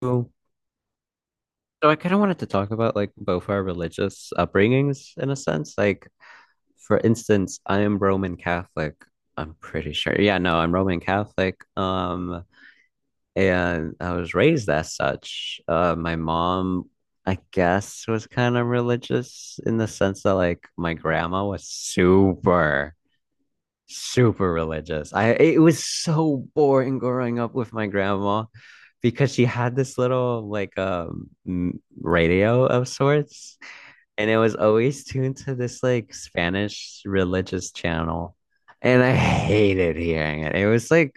So I kind of wanted to talk about like both our religious upbringings in a sense. Like, for instance, I am Roman Catholic. I'm pretty sure. Yeah, no, I'm Roman Catholic. And I was raised as such. My mom, I guess, was kind of religious in the sense that like my grandma was super religious. I It was so boring growing up with my grandma because she had this little like radio of sorts, and it was always tuned to this like Spanish religious channel. And I hated hearing it. It was like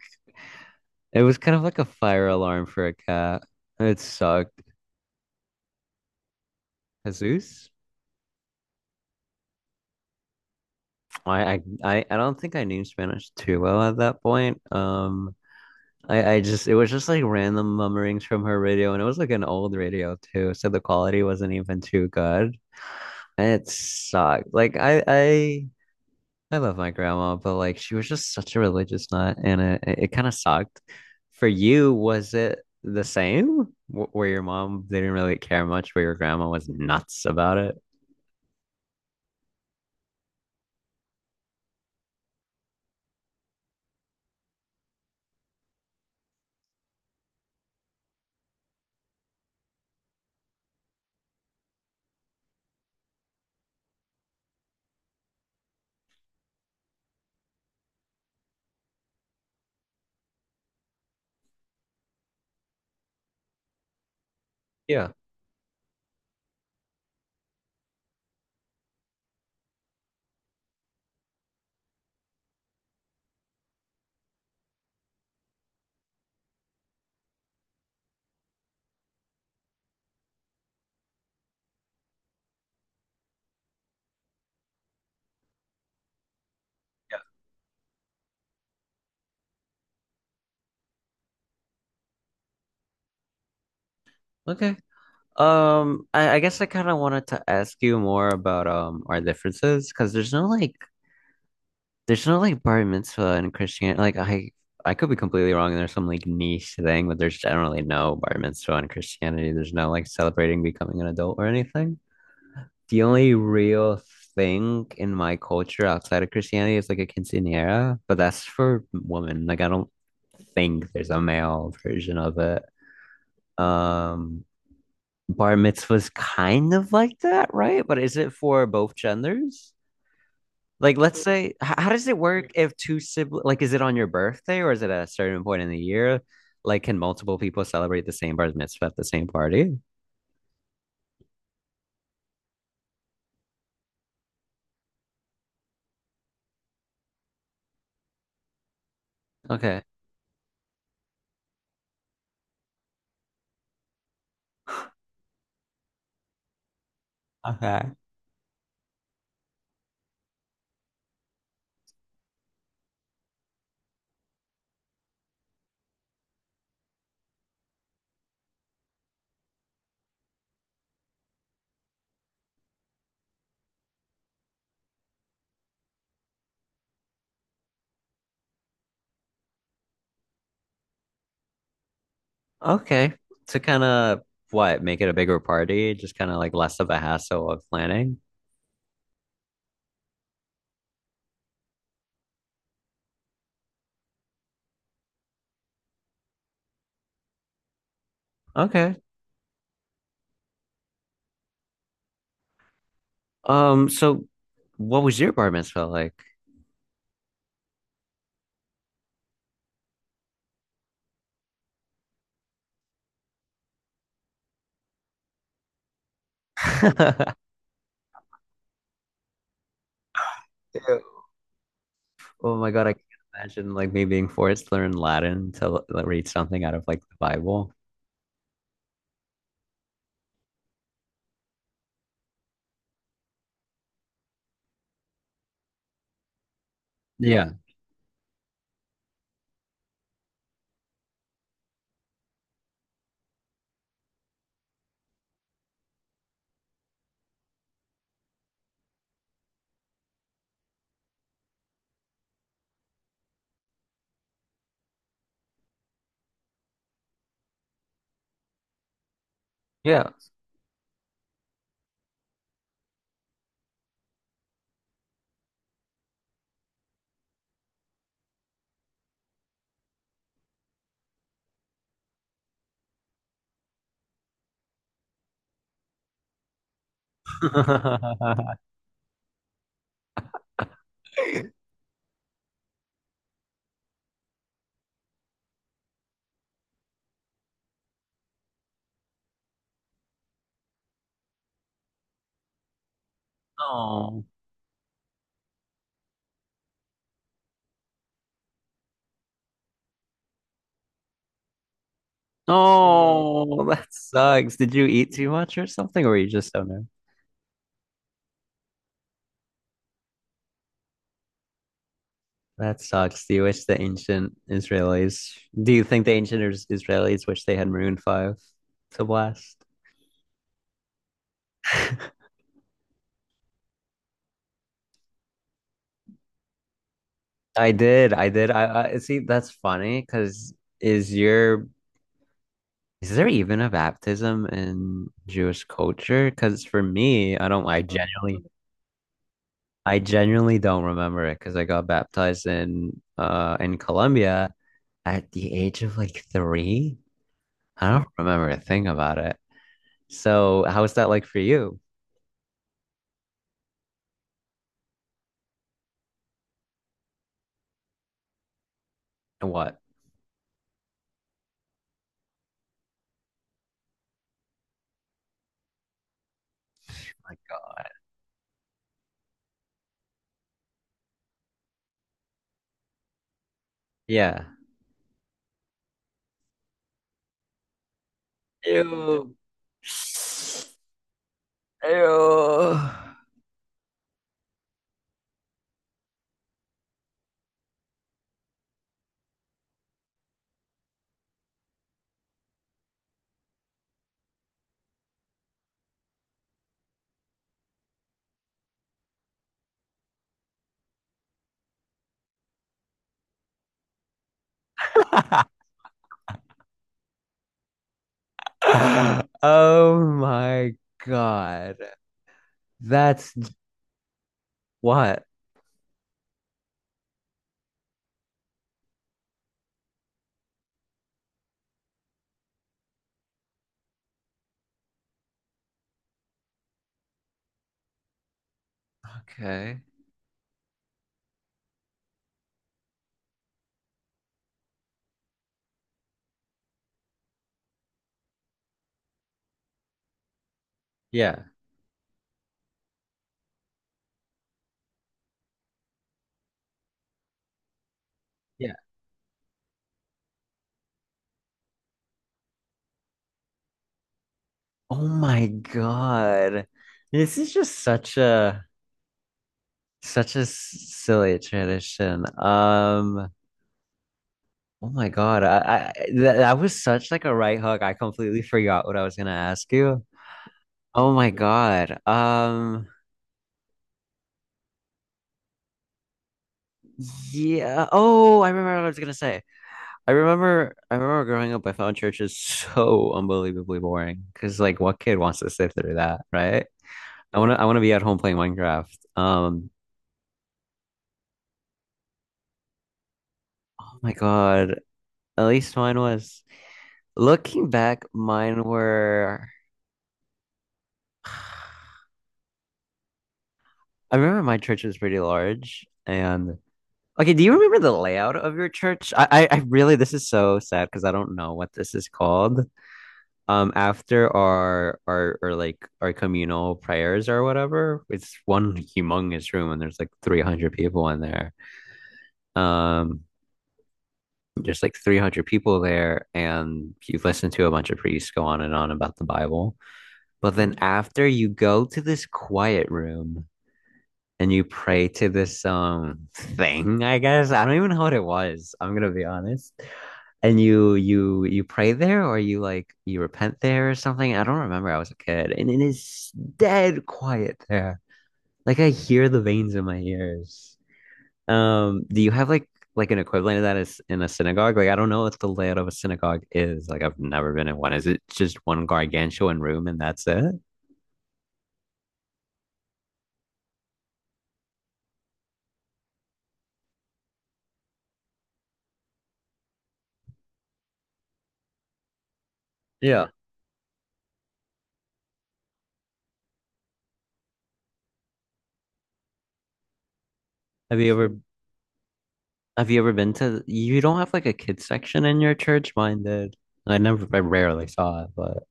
It was kind of like a fire alarm for a cat. It sucked. Jesus. I don't think I knew Spanish too well at that point. I just it was just like random mummerings from her radio, and it was like an old radio too, so the quality wasn't even too good, and it sucked. Like I love my grandma, but like she was just such a religious nut, and it kind of sucked. For you, was it the same? Where your mom didn't really care much, where your grandma was nuts about it? Yeah. Okay. I guess I kind of wanted to ask you more about our differences because there's no like bar mitzvah in Christianity. I could be completely wrong, and there's some like niche thing, but there's generally no bar mitzvah in Christianity. There's no like celebrating becoming an adult or anything. The only real thing in my culture outside of Christianity is like a quinceañera, but that's for women. Like I don't think there's a male version of it. Um, Bar mitzvah's kind of like that, right? But is it for both genders? Like, let's say, how does it work if two siblings, like, is it on your birthday or is it at a certain point in the year? Like, can multiple people celebrate the same bar mitzvah at the same party? Okay. Okay. Okay. To kind of what, make it a bigger party, just kind of like less of a hassle of planning. Okay. So what was your bar mitzvah like? Ew. Oh my God, I can't imagine like me being forced to learn Latin to read something out of like the Bible. Yeah. Yeah. Oh, yeah. Oh, that sucks. Did you eat too much or something, or were you just so nervous? That sucks. Do you wish the ancient Israelis, do you think the ancient Israelis wish they had Maroon 5 to blast? I did. I did. I see. That's funny because is your is there even a baptism in Jewish culture? Because for me, I don't. I genuinely, I genuinely don't remember it because I got baptized in Colombia, at the age of like three? I don't remember a thing about it. So, how was that like for you? And what? Like, yeah. Ew. Ew. Oh my God. That's what? Okay. Yeah. Yeah. Oh my God. This is just such a such a silly tradition. Oh my God. I that, that was such like a right hook. I completely forgot what I was gonna ask you. Oh my God. Um, yeah. Oh, I remember what I was gonna say. I remember growing up, I found churches so unbelievably boring. Cause like what kid wants to sit through that, right? I wanna be at home playing Minecraft. Oh my God. At least mine was looking back, mine were I remember my church was pretty large and okay, do you remember the layout of your church? I really, this is so sad because I don't know what this is called. After or like our communal prayers or whatever, it's one humongous room and there's like 300 people in there. Um, there's like 300 people there, and you listen to a bunch of priests go on and on about the Bible. But then after you go to this quiet room, and you pray to this thing, I guess. I don't even know what it was. I'm gonna be honest. And you pray there or you like you repent there or something? I don't remember. I was a kid and it is dead quiet there. Like I hear the veins in my ears. Do you have like an equivalent of that is in a synagogue? Like I don't know what the layout of a synagogue is. Like I've never been in one. Is it just one gargantuan room and that's it? Yeah. Have you ever Have you ever been to, you don't have like a kids section in your church? Mine did. I never, I rarely saw it, but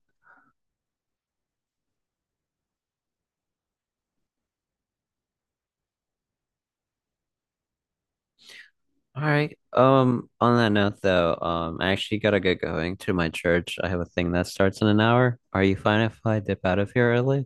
all right. On that note though, I actually gotta get going to my church. I have a thing that starts in an hour. Are you fine if I dip out of here early?